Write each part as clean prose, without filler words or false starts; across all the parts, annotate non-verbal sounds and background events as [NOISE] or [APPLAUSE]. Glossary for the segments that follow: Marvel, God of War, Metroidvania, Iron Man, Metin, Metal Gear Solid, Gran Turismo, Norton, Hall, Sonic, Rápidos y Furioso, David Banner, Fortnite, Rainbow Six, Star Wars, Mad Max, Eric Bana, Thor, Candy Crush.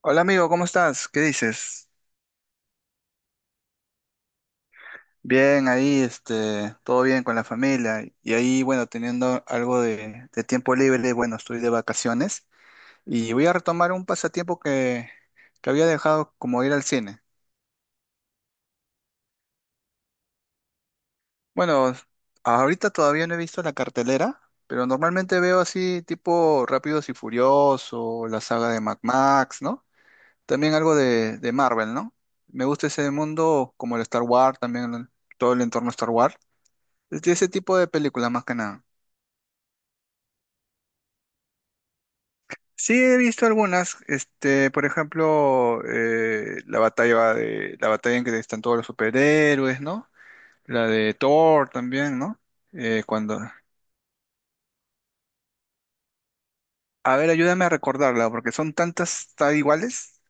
Hola amigo, ¿cómo estás? ¿Qué dices? Bien, ahí, este, todo bien con la familia. Y ahí, bueno, teniendo algo de tiempo libre, bueno, estoy de vacaciones y voy a retomar un pasatiempo que había dejado, como ir al cine. Bueno, ahorita todavía no he visto la cartelera, pero normalmente veo así tipo Rápidos y Furioso, la saga de Mad Max, ¿no? También algo de Marvel, ¿no? Me gusta ese mundo, como el Star Wars, también todo el entorno Star Wars. De ese tipo de películas más que nada. Sí, he visto algunas, este, por ejemplo, la batalla la batalla en que están todos los superhéroes, ¿no? La de Thor también, ¿no? Eh, cuando, a ver, ayúdame a recordarla, porque son tantas tan iguales.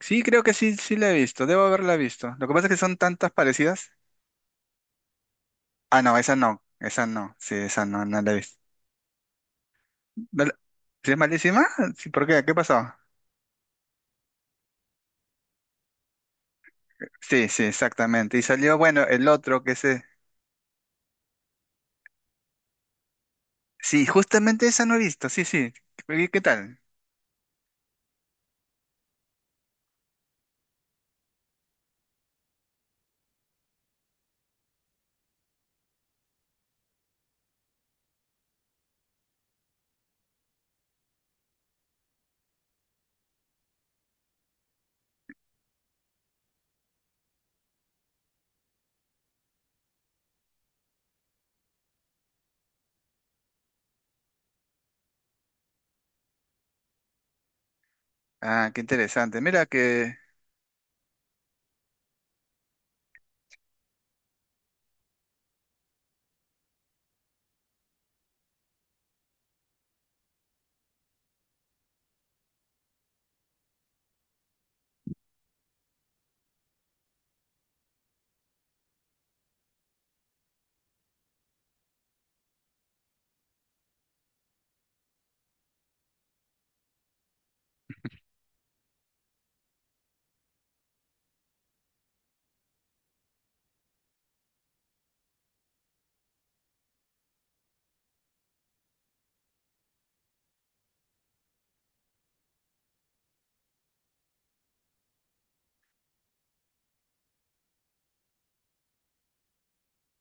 Sí, creo que sí, sí la he visto, debo haberla visto. Lo que pasa es que son tantas parecidas. Ah, no, esa no, esa no, sí, esa no, no la he visto. ¿No la- ¿Sí es malísima? Sí, ¿por qué? ¿Qué pasó? Sí, sí, exactamente. Y salió, bueno, el otro que es, sí, justamente esa no he visto, sí, sí. ¿Qué, qué tal? Ah, qué interesante. Mira que,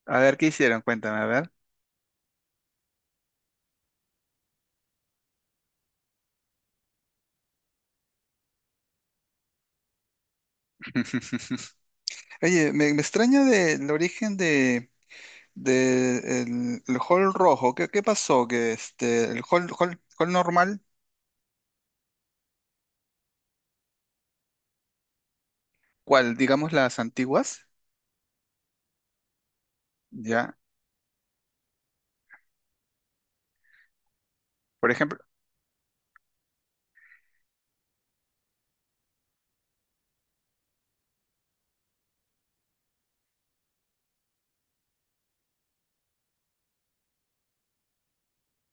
a ver, ¿qué hicieron? Cuéntame, a ver. [LAUGHS] Oye, me extraña del origen de el hall rojo. ¿Qué, qué pasó? Que este, el hall, hall normal. ¿Cuál? Digamos las antiguas, ¿ya? Por ejemplo,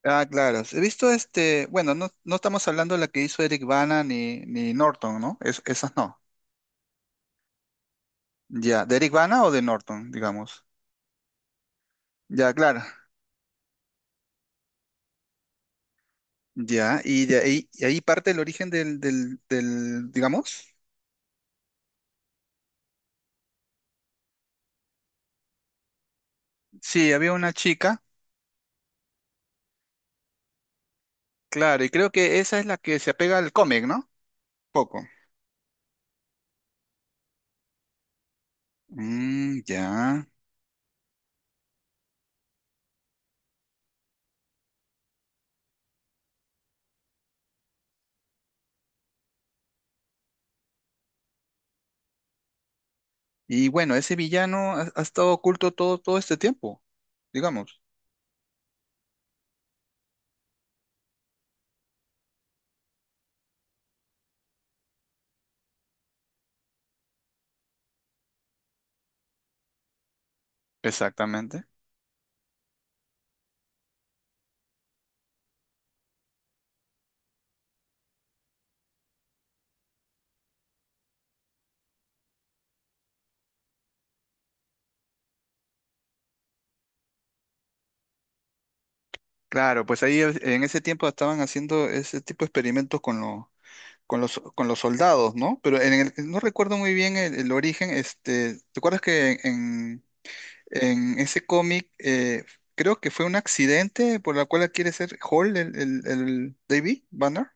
ah, claro. He visto este, bueno, no, no estamos hablando de la que hizo Eric Bana ni, ni Norton, ¿no? Es- esas no. Ya, ¿de Eric Bana o de Norton, digamos? Ya, claro. Ya, y de ahí, y ahí parte el origen del digamos. Sí, había una chica, claro, y creo que esa es la que se apega al cómic, ¿no? Poco. Mm, ya. Y bueno, ese villano ha, ha estado oculto todo, todo este tiempo, digamos. Exactamente. Claro, pues ahí es- en ese tiempo estaban haciendo ese tipo de experimentos con, lo- con los soldados, ¿no? Pero en el- no recuerdo muy bien el origen, este. ¿Te acuerdas que en ese cómic, creo que fue un accidente por la cual quiere ser Hall, el David Banner.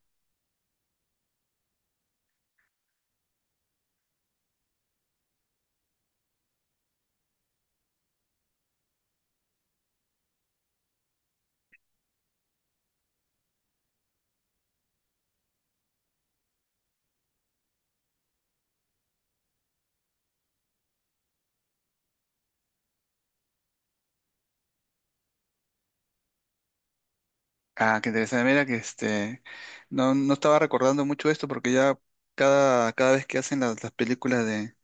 Ah, qué interesante. Mira que este, no, no estaba recordando mucho esto porque ya cada vez que hacen las películas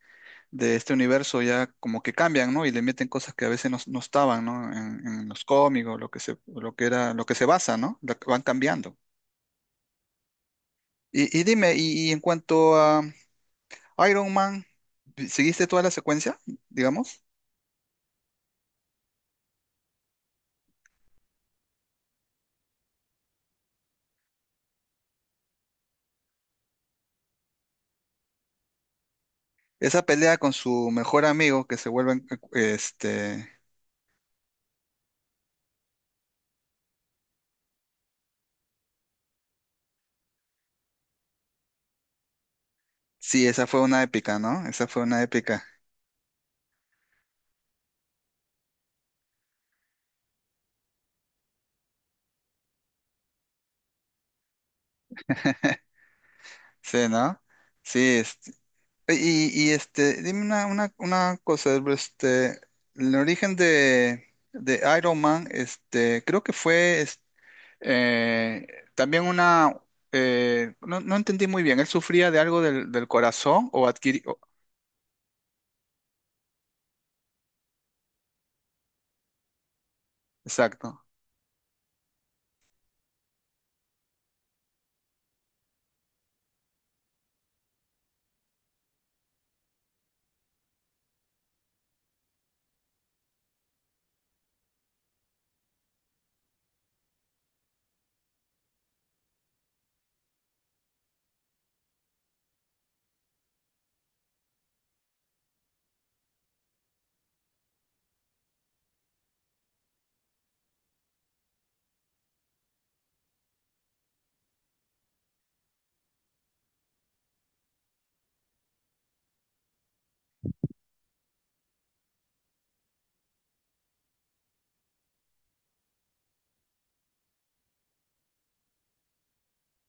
de este universo, ya como que cambian, ¿no? Y le meten cosas que a veces no, no estaban, ¿no? En los cómics, o lo que se, o lo que era, lo que se basa, ¿no? Lo que van cambiando. Y dime, y en cuanto a Iron Man, ¿seguiste toda la secuencia, digamos? Esa pelea con su mejor amigo que se vuelven, este, sí, esa fue una épica, ¿no? Esa fue una épica, sí, ¿no? Sí, este, y este, dime una, una cosa, este, el origen de Iron Man, este, creo que fue, es- eh, también una, no, no entendí muy bien. ¿Él sufría de algo del corazón o adquirió? Exacto.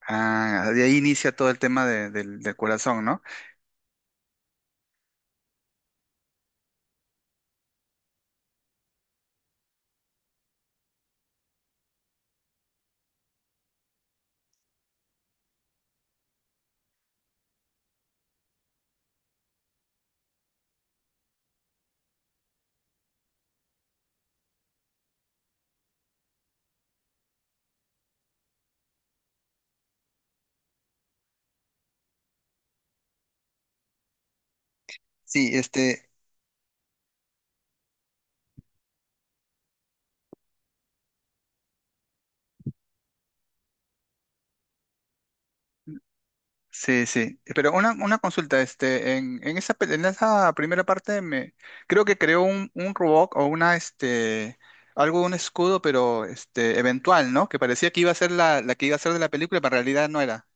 Ah, de ahí inicia todo el tema de- del del corazón, ¿no? Sí, este, sí, sí. Pero una consulta, este, en esa, pe- en esa primera parte me creo que creó un Roboc o una este algo, un escudo, pero este, eventual, ¿no? Que parecía que iba a ser la, la que iba a ser de la película, pero en realidad no era.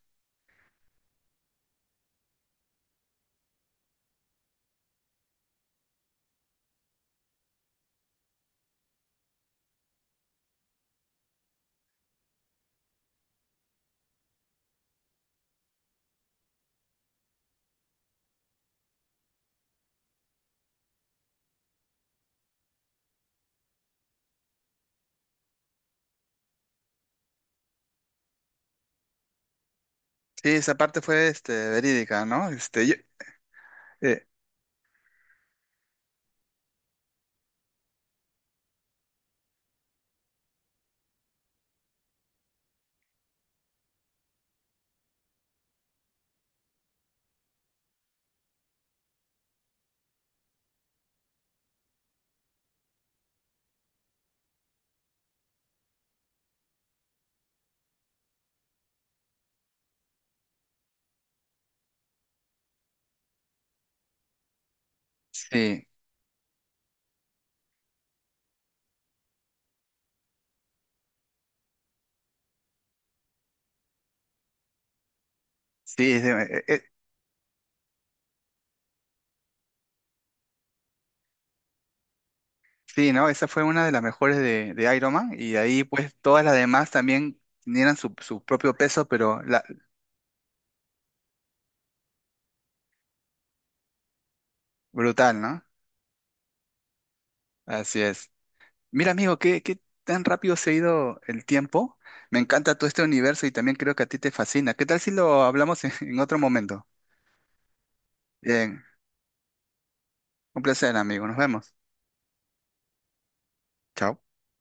Sí, esa parte fue este verídica, ¿no? Este, yo- eh, sí, sí, es de- sí, ¿no? Esa fue una de las mejores de Iron Man. Y de ahí, pues, todas las demás también tenían su, su propio peso, pero la, brutal, ¿no? Así es. Mira, amigo, qué tan rápido se ha ido el tiempo. Me encanta todo este universo y también creo que a ti te fascina. ¿Qué tal si lo hablamos [LAUGHS] en otro momento? Bien, un placer, amigo. Nos vemos. Chao.